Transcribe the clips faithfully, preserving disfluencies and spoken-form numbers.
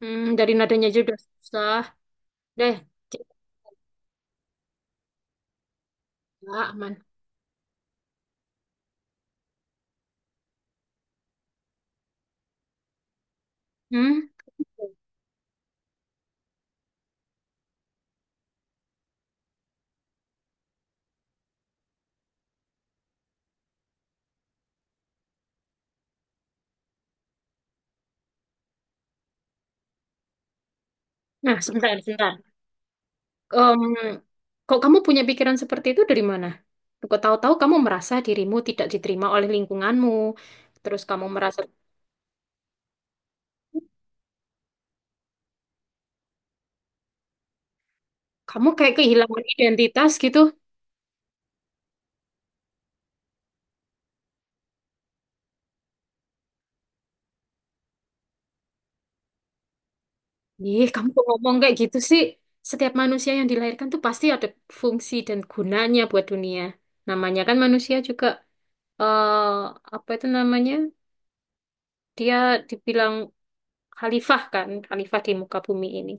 Hmm, dari nadanya aja udah susah. Deh, coba aman. Hmm? Nah, sebentar, sebentar. Em, kok kamu punya pikiran seperti itu dari mana? Kok tahu-tahu kamu merasa dirimu tidak diterima oleh lingkunganmu. Terus kamu merasa kamu kayak kehilangan identitas gitu. Ih, kamu kok ngomong kayak gitu sih. Setiap manusia yang dilahirkan tuh pasti ada fungsi dan gunanya buat dunia. Namanya kan manusia juga eh apa itu namanya? Dia dibilang khalifah kan, khalifah di muka bumi ini.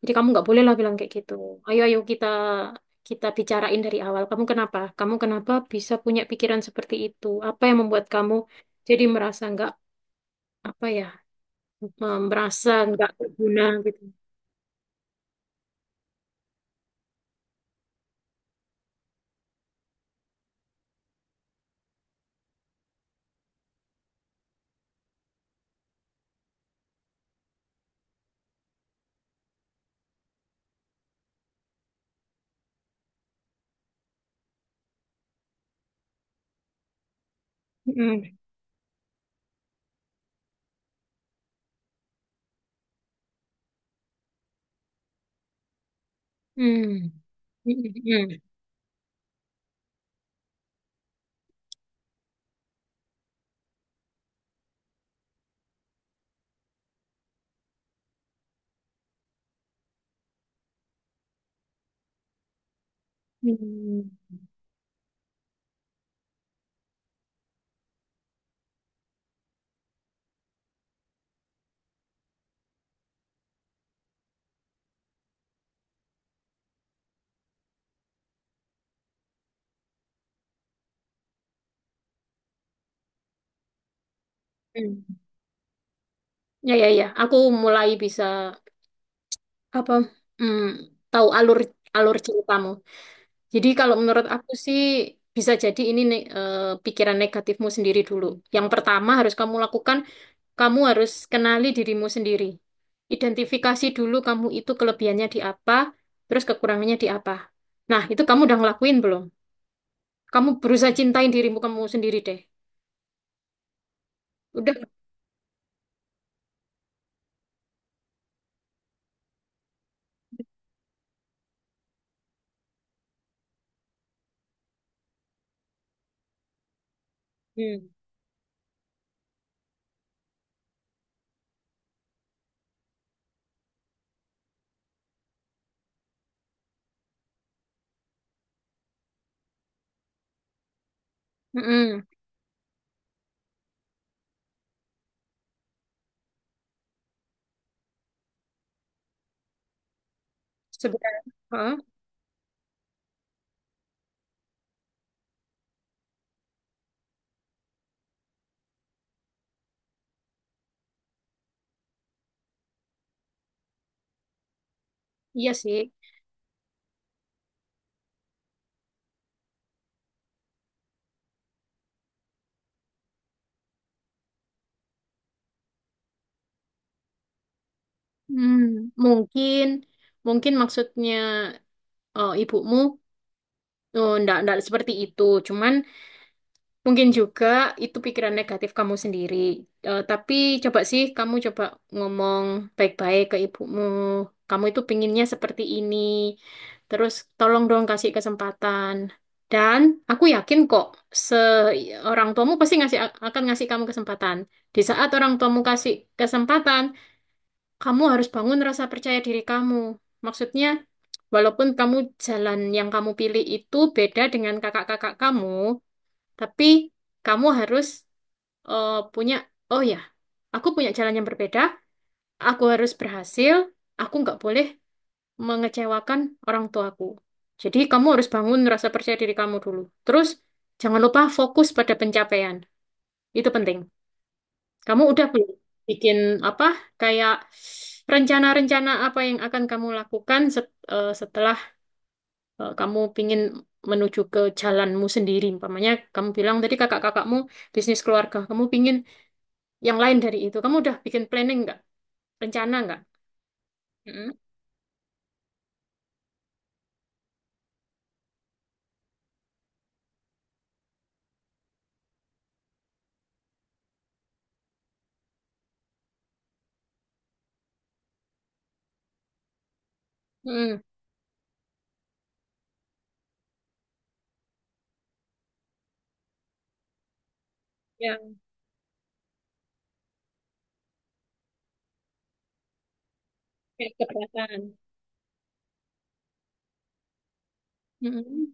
Jadi kamu nggak boleh lah bilang kayak gitu. Ayo ayo kita kita bicarain dari awal. Kamu kenapa? Kamu kenapa bisa punya pikiran seperti itu? Apa yang membuat kamu jadi merasa nggak apa ya, em, merasa nggak berguna gitu? Mm. Hmm. Mm, mm, mm. Mm, mm. Ya ya ya, aku mulai bisa apa? mm, tahu alur alur ceritamu. Jadi kalau menurut aku sih bisa jadi ini ne- eh, pikiran negatifmu sendiri dulu. Yang pertama harus kamu lakukan, kamu harus kenali dirimu sendiri. Identifikasi dulu kamu itu kelebihannya di apa, terus kekurangannya di apa. Nah, itu kamu udah ngelakuin belum? Kamu berusaha cintain dirimu kamu sendiri deh. Udah. Hmm. Mm-mm. Sebenarnya. Hah? Iya sih. Hmm. Mungkin, mungkin maksudnya eh, ibumu. Oh, ndak enggak seperti itu. Cuman mungkin juga itu pikiran negatif kamu sendiri. Eh, tapi coba sih kamu coba ngomong baik-baik ke ibumu. Kamu itu pinginnya seperti ini. Terus tolong dong kasih kesempatan. Dan aku yakin kok se orang tuamu pasti ngasih akan ngasih kamu kesempatan. Di saat orang tuamu kasih kesempatan, kamu harus bangun rasa percaya diri kamu. Maksudnya, walaupun kamu jalan yang kamu pilih itu beda dengan kakak-kakak kamu, tapi kamu harus eh, punya, oh ya, aku punya jalan yang berbeda, aku harus berhasil, aku nggak boleh mengecewakan orang tuaku. Jadi kamu harus bangun rasa percaya diri kamu dulu. Terus jangan lupa fokus pada pencapaian. Itu penting. Kamu udah belum bikin apa kayak rencana-rencana apa yang akan kamu lakukan set- eh, setelah eh, kamu pingin menuju ke jalanmu sendiri. Umpamanya kamu bilang tadi kakak-kakakmu bisnis keluarga, kamu pingin yang lain dari itu. Kamu udah bikin planning nggak? Rencana nggak? Mm-mm. Mm-mm. Yang kayak keberatan. Mm-mm.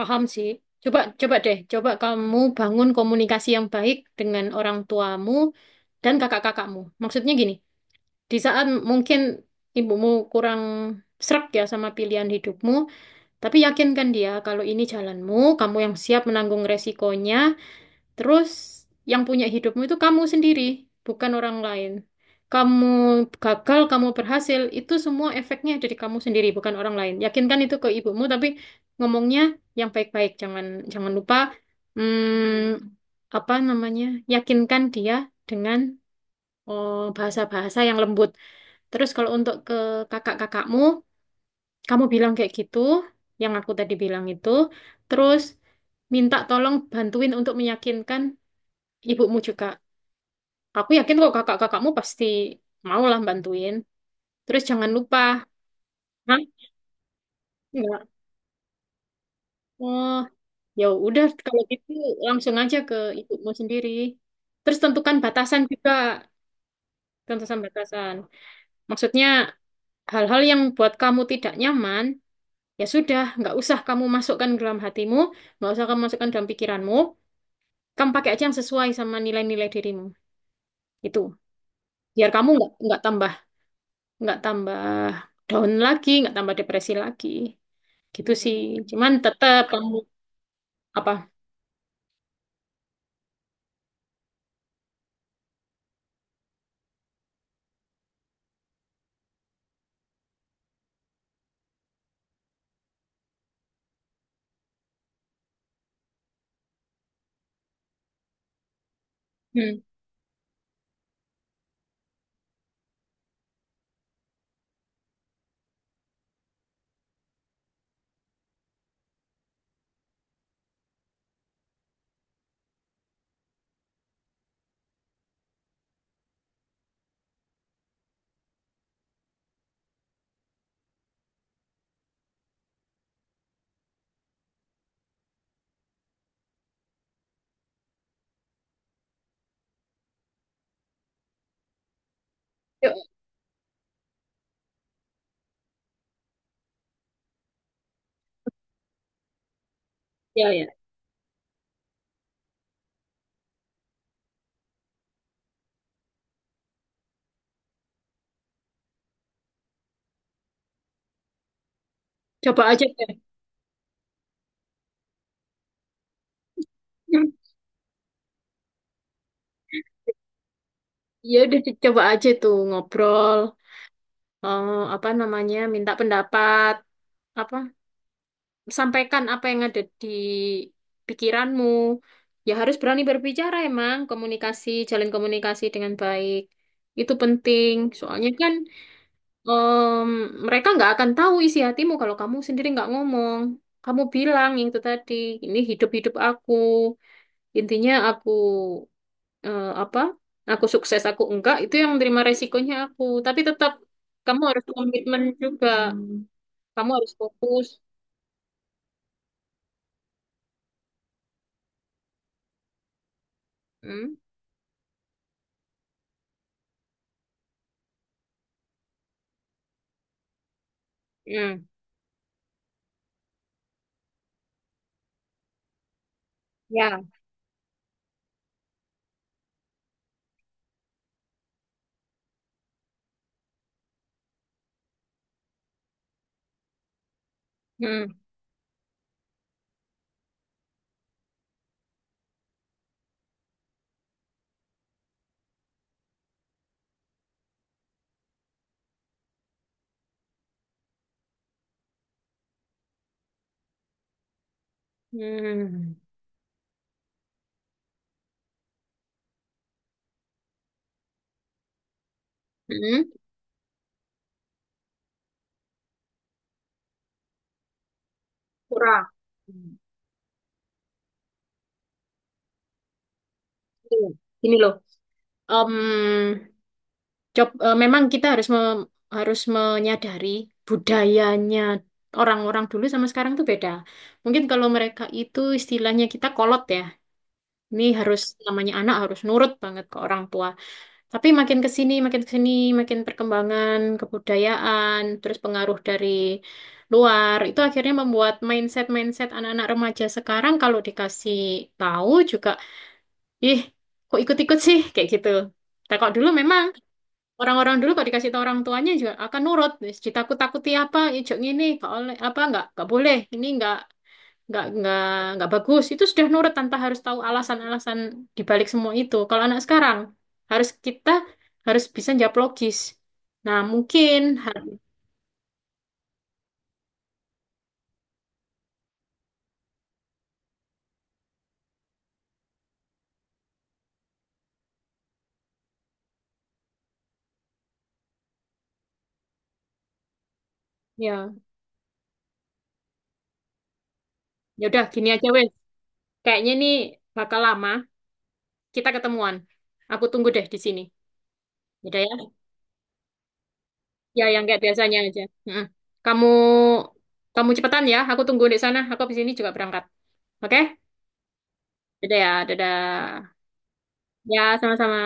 Paham sih. Coba, coba deh. Coba kamu bangun komunikasi yang baik dengan orang tuamu dan kakak-kakakmu. Maksudnya gini, di saat mungkin ibumu kurang srek ya sama pilihan hidupmu, tapi yakinkan dia kalau ini jalanmu, kamu yang siap menanggung resikonya. Terus yang punya hidupmu itu kamu sendiri, bukan orang lain. Kamu gagal, kamu berhasil, itu semua efeknya dari kamu sendiri, bukan orang lain. Yakinkan itu ke ibumu, tapi ngomongnya yang baik-baik. Jangan jangan lupa hmm, apa namanya? Yakinkan dia dengan oh, bahasa-bahasa yang lembut. Terus kalau untuk ke kakak-kakakmu, kamu bilang kayak gitu, yang aku tadi bilang itu. Terus minta tolong bantuin untuk meyakinkan ibumu juga. Aku yakin kok kakak-kakakmu pasti mau lah bantuin. Terus jangan lupa. Hah? Enggak. Oh, ya udah kalau gitu langsung aja ke ibumu sendiri. Terus tentukan batasan juga, tentukan batasan. Maksudnya hal-hal yang buat kamu tidak nyaman, ya sudah, nggak usah kamu masukkan ke dalam hatimu, nggak usah kamu masukkan dalam pikiranmu. Kamu pakai aja yang sesuai sama nilai-nilai dirimu. Itu. Biar kamu nggak nggak tambah nggak tambah down lagi, nggak tambah depresi lagi. Gitu sih. Cuman tetap kamu apa? Hmm. co- Ya ya. Coba aja deh. Hmm. Ya udah di- coba aja tuh ngobrol, eh, apa namanya? Minta pendapat apa? Sampaikan apa yang ada di pikiranmu. Ya harus berani berbicara emang komunikasi, jalin komunikasi dengan baik. Itu penting. Soalnya kan em, mereka nggak akan tahu isi hatimu kalau kamu sendiri nggak ngomong. Kamu bilang yang itu tadi, ini hidup-hidup aku. Intinya aku eh, apa? Aku sukses, aku enggak, itu yang menerima resikonya aku. Tapi tetap kamu harus komitmen juga. Kamu harus fokus. Hmm? Hmm. Ya. Hmm. Hmm. Hmm. Kurang. Hmm. Gini loh. Em, cob, eh, Memang kita harus mem- harus menyadari budayanya orang-orang dulu sama sekarang tuh beda. Mungkin kalau mereka itu istilahnya kita kolot ya. Ini harus namanya anak harus nurut banget ke orang tua. Tapi makin ke sini, makin ke sini, makin perkembangan kebudayaan, terus pengaruh dari luar, itu akhirnya membuat mindset-mindset anak-anak remaja sekarang kalau dikasih tahu juga, ih, kok ikut-ikut sih kayak gitu. Nah, kalau dulu memang orang-orang dulu kalau dikasih tahu orang tuanya juga akan nurut. Terus ditakut-takuti apa, ijuk ini, nggak oleh apa nggak, nggak boleh, ini nggak nggak nggak nggak bagus, itu sudah nurut tanpa harus tahu alasan-alasan dibalik semua itu. Kalau anak sekarang harus kita harus bisa jawab logis. Nah, mungkin har- ya ya udah gini aja wes, kayaknya ini bakal lama kita ketemuan, aku tunggu deh di sini. Ya udah ya, ya yang kayak biasanya aja. Mm-mm. kamu kamu cepetan ya, aku tunggu di sana, aku di sini juga berangkat. Oke. Dadah ya, dadah. Ya, sama-sama.